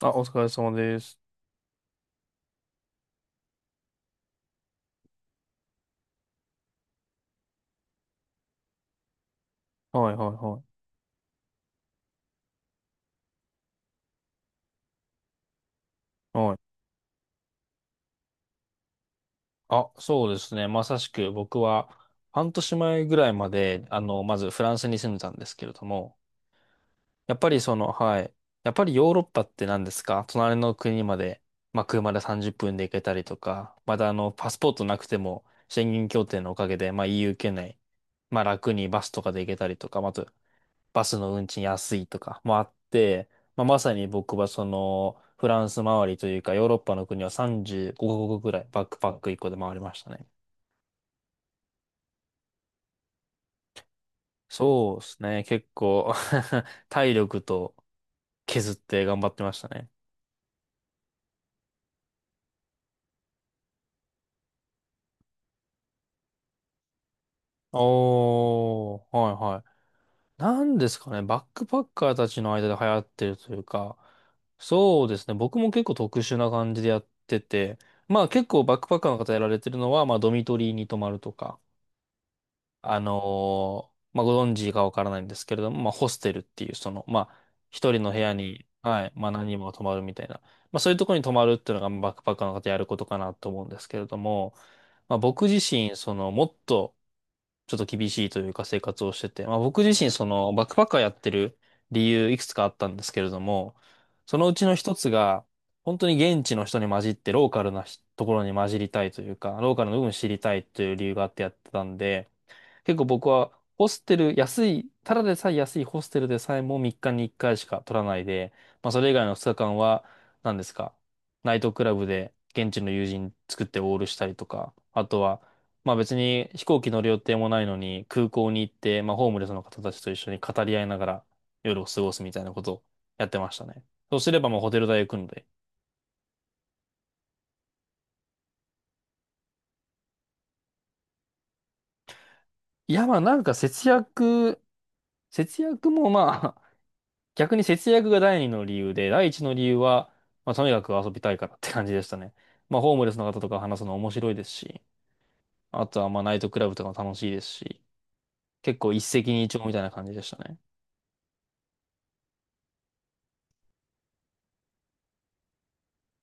あ、お疲れ様です。はいはいはい。はい。あ、そうですね。まさしく僕は半年前ぐらいまで、まずフランスに住んでたんですけれども、やっぱりはい。やっぱりヨーロッパって、何ですか、隣の国まで、まあ、車で30分で行けたりとか、またパスポートなくても、宣言協定のおかげで、まあ、EU 圏内、まあ、楽にバスとかで行けたりとか、まああと、バスの運賃安いとかもあって、まあ、まさに僕はフランス周りというか、ヨーロッパの国は35カ国ぐらいバックパック1個で回りましたね。そうですね。結構 体力と削って頑張ってましたね。おー、はいはい。なんですかね、バックパッカーたちの間で流行ってるというか、そうですね、僕も結構特殊な感じでやってて、まあ結構バックパッカーの方やられてるのは、まあドミトリーに泊まるとか、まあ、ご存知かわからないんですけれども、まあ、ホステルっていう、まあ、一人の部屋に、はい、まあ、何人も泊まるみたいな、まあ、そういうところに泊まるっていうのが、バックパッカーの方やることかなと思うんですけれども、まあ、僕自身、もっと、ちょっと厳しいというか生活をしてて、まあ、僕自身、バックパッカーやってる理由、いくつかあったんですけれども、そのうちの一つが、本当に現地の人に混じって、ローカルなひところに混じりたいというか、ローカルの部分を知りたいという理由があってやってたんで、結構僕はホステル、安い、ただでさえ安いホステルでさえも3日に1回しか取らないで、まあそれ以外の2日間は、何ですか、ナイトクラブで現地の友人作ってオールしたりとか、あとは、まあ別に飛行機乗る予定もないのに空港に行って、まあホームレスの方たちと一緒に語り合いながら夜を過ごすみたいなことをやってましたね。そうすればもうホテル代浮くので。いやまあなんか節約、節約もまあ逆に節約が第二の理由で、第一の理由は、まあ、とにかく遊びたいからって感じでしたね。まあ、ホームレスの方とか話すの面白いですし、あとは、まあ、ナイトクラブとかも楽しいですし、結構一石二鳥みたいな感じでしたね。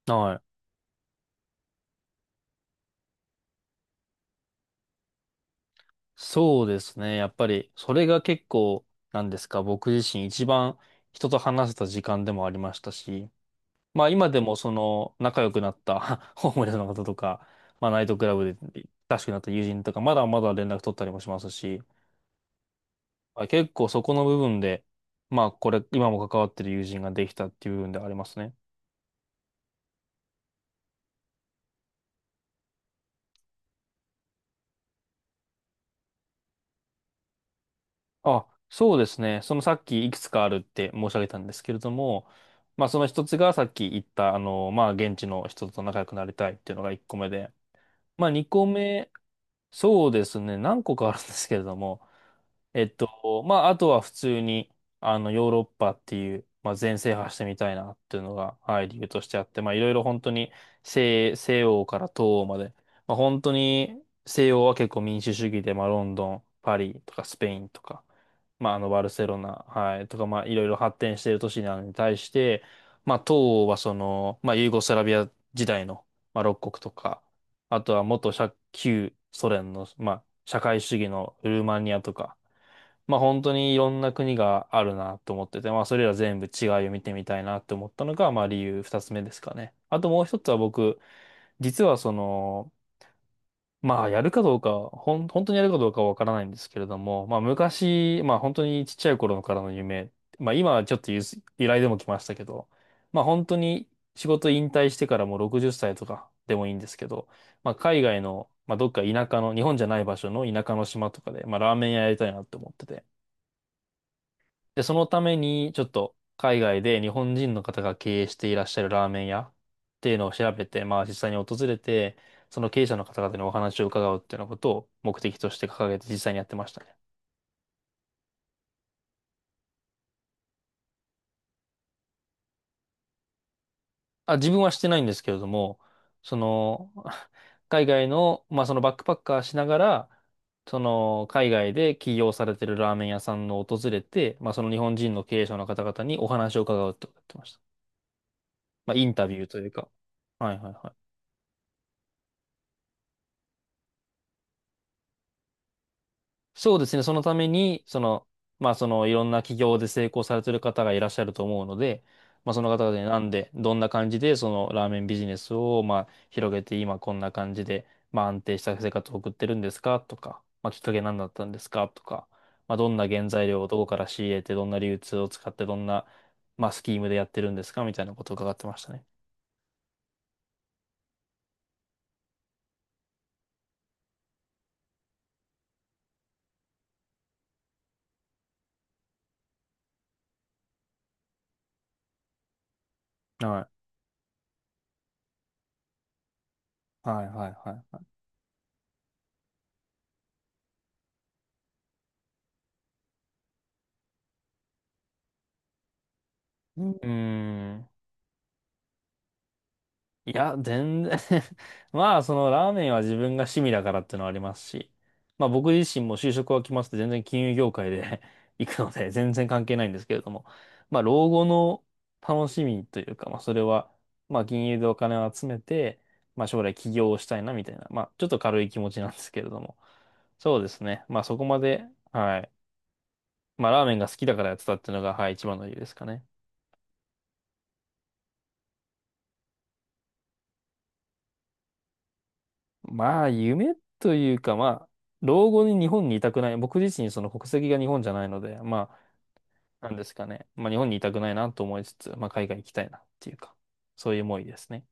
はい。そうですね。やっぱり、それが結構、なんですか、僕自身一番人と話せた時間でもありましたし、まあ、今でも仲良くなった ホームレスの方とか、まあ、ナイトクラブで、親しくなった友人とか、まだまだ連絡取ったりもしますし、はい、結構そこの部分で、まあこれ、今も関わってる友人ができたっていう部分ではありますね。あ、そうですね。そのさっきいくつかあるって申し上げたんですけれども、まあその一つがさっき言った、まあ現地の人と仲良くなりたいっていうのが一個目で、まあ二個目、そうですね。何個かあるんですけれども、まあ、あとは普通に、ヨーロッパっていう、まあ、全制覇してみたいなっていうのが、はい、理由としてあって、まあ、いろいろ本当に西欧から東欧まで、まあ、本当に西欧は結構民主主義で、まあ、ロンドン、パリとかスペインとか、まあ、バルセロナ、はい、とか、まあ、いろいろ発展している都市なのに対して、まあ、東欧はまあ、ユーゴスラビア時代の、まあ、6国とか、あとは元社旧ソ連の、まあ、社会主義のルーマニアとか、まあ本当にいろんな国があるなと思ってて、まあそれら全部違いを見てみたいなと思ったのが、まあ理由二つ目ですかね。あともう一つは僕、実はまあやるかどうか、本当にやるかどうかはわからないんですけれども、まあ昔、まあ本当にちっちゃい頃からの夢、まあ今はちょっとゆす依頼でも来ましたけど、まあ本当に仕事引退してからもう60歳とかでもいいんですけど、まあ海外の、まあどっか田舎の、日本じゃない場所の田舎の島とかで、まあラーメン屋やりたいなって思ってて、で、そのために、ちょっと海外で日本人の方が経営していらっしゃるラーメン屋っていうのを調べて、まあ実際に訪れて、その経営者の方々にお話を伺うっていうようなことを目的として掲げて実際にやってましたね。あ、自分はしてないんですけれども、その、海外の、まあそのバックパッカーしながら、その海外で起業されてるラーメン屋さんを訪れて、まあその日本人の経営者の方々にお話を伺うってことをやってました。まあインタビューというか。はいはいはい。そうですね。そのために、まあ、いろんな企業で成功されてる方がいらっしゃると思うので、まあ、その方々になんで、どんな感じで、ラーメンビジネスを、まあ、広げて、今こんな感じで、まあ、安定した生活を送ってるんですかとか、まあ、きっかけ何だったんですかとか、まあ、どんな原材料をどこから仕入れて、どんな流通を使って、どんな、まあ、スキームでやってるんですかみたいなことを伺ってましたね。はい。はい、はい、はい。ううーん。いや、全然 まあ、そのラーメンは自分が趣味だからってのはありますし、まあ僕自身も就職は決まって全然金融業界で 行くので全然関係ないんですけれども、まあ老後の楽しみというか、まあそれは、まあ金融でお金を集めて、まあ将来起業をしたいなみたいな、まあちょっと軽い気持ちなんですけれども、そうですね。まあそこまで、はい。まあラーメンが好きだからやってたっていうのが、はい、一番の理由ですかね。まあ、夢というか、まあ、老後に日本にいたくない。僕自身、その国籍が日本じゃないので、まあ、なんですかね。まあ、日本にいたくないなと思いつつ、まあ、海外行きたいなっていうか、そういう思いですね。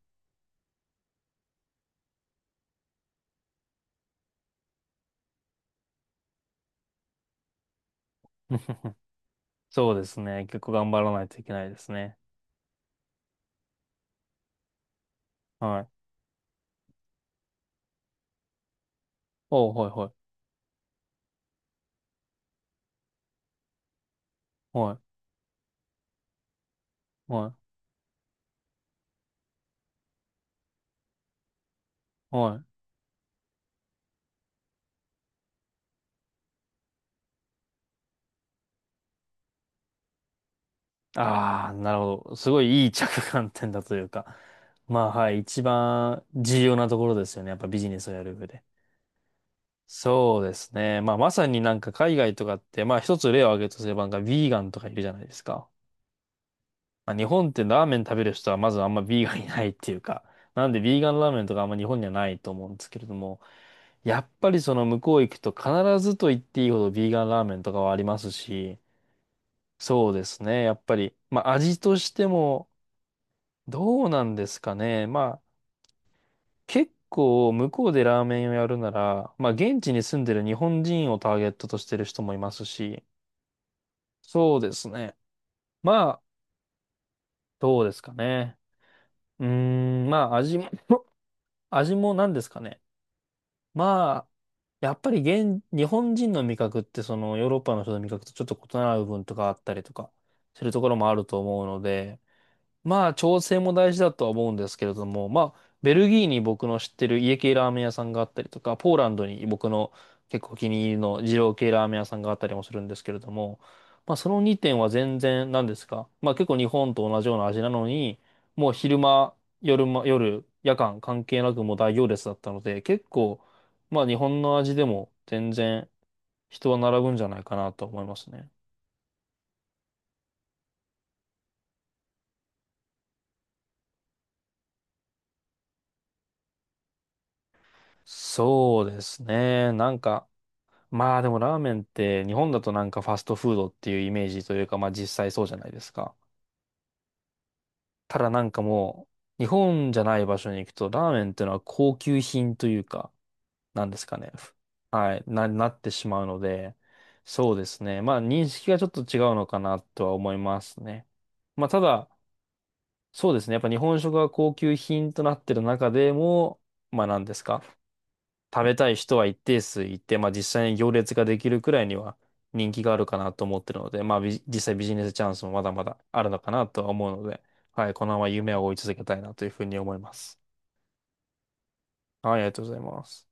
そうですね。結構頑張らないといけないですね。はい。おう、はい、はい、はい、はい、はい。ああ、なるほど。すごいいい着眼点だというか。まあ、はい。一番重要なところですよね。やっぱビジネスをやる上で。そうですね。まあ、まさになんか海外とかって、まあ一つ例を挙げるとすれば、なんかビーガンとかいるじゃないですか。まあ、日本ってラーメン食べる人はまずあんまビーガンいないっていうか、なんでビーガンラーメンとかあんま日本にはないと思うんですけれども、やっぱりその向こう行くと必ずと言っていいほどビーガンラーメンとかはありますし、そうですね。やっぱり、まあ味としてもどうなんですかね。まあ結構向こうでラーメンをやるなら、まあ現地に住んでる日本人をターゲットとしてる人もいますし、そうですね。まあ、どうですかね。うーん、まあ、味も 味も何ですかね。まあ、やっぱり日本人の味覚って、そのヨーロッパの人の味覚とちょっと異なる部分とかあったりとかするところもあると思うので、まあ、調整も大事だとは思うんですけれども、まあ、ベルギーに僕の知ってる家系ラーメン屋さんがあったりとか、ポーランドに僕の結構お気に入りの二郎系ラーメン屋さんがあったりもするんですけれども、まあ、その2点は全然何ですか。まあ、結構日本と同じような味なのに、もう昼間、夜間、夜間関係なくもう大行列だったので、結構、まあ、日本の味でも全然人は並ぶんじゃないかなと思いますね。そうですね。なんか、まあでもラーメンって日本だとなんかファストフードっていうイメージというかまあ実際そうじゃないですか。ただなんかもう日本じゃない場所に行くとラーメンっていうのは高級品というかなんですかね。はい、なってしまうので、そうですね。まあ認識がちょっと違うのかなとは思いますね。まあただ、そうですね。やっぱ日本食が高級品となってる中でも、まあ何ですか。食べたい人は一定数いて、まあ実際に行列ができるくらいには人気があるかなと思ってるので、まあ実際ビジネスチャンスもまだまだあるのかなとは思うので、はい、このまま夢を追い続けたいなというふうに思います。はい、ありがとうございます。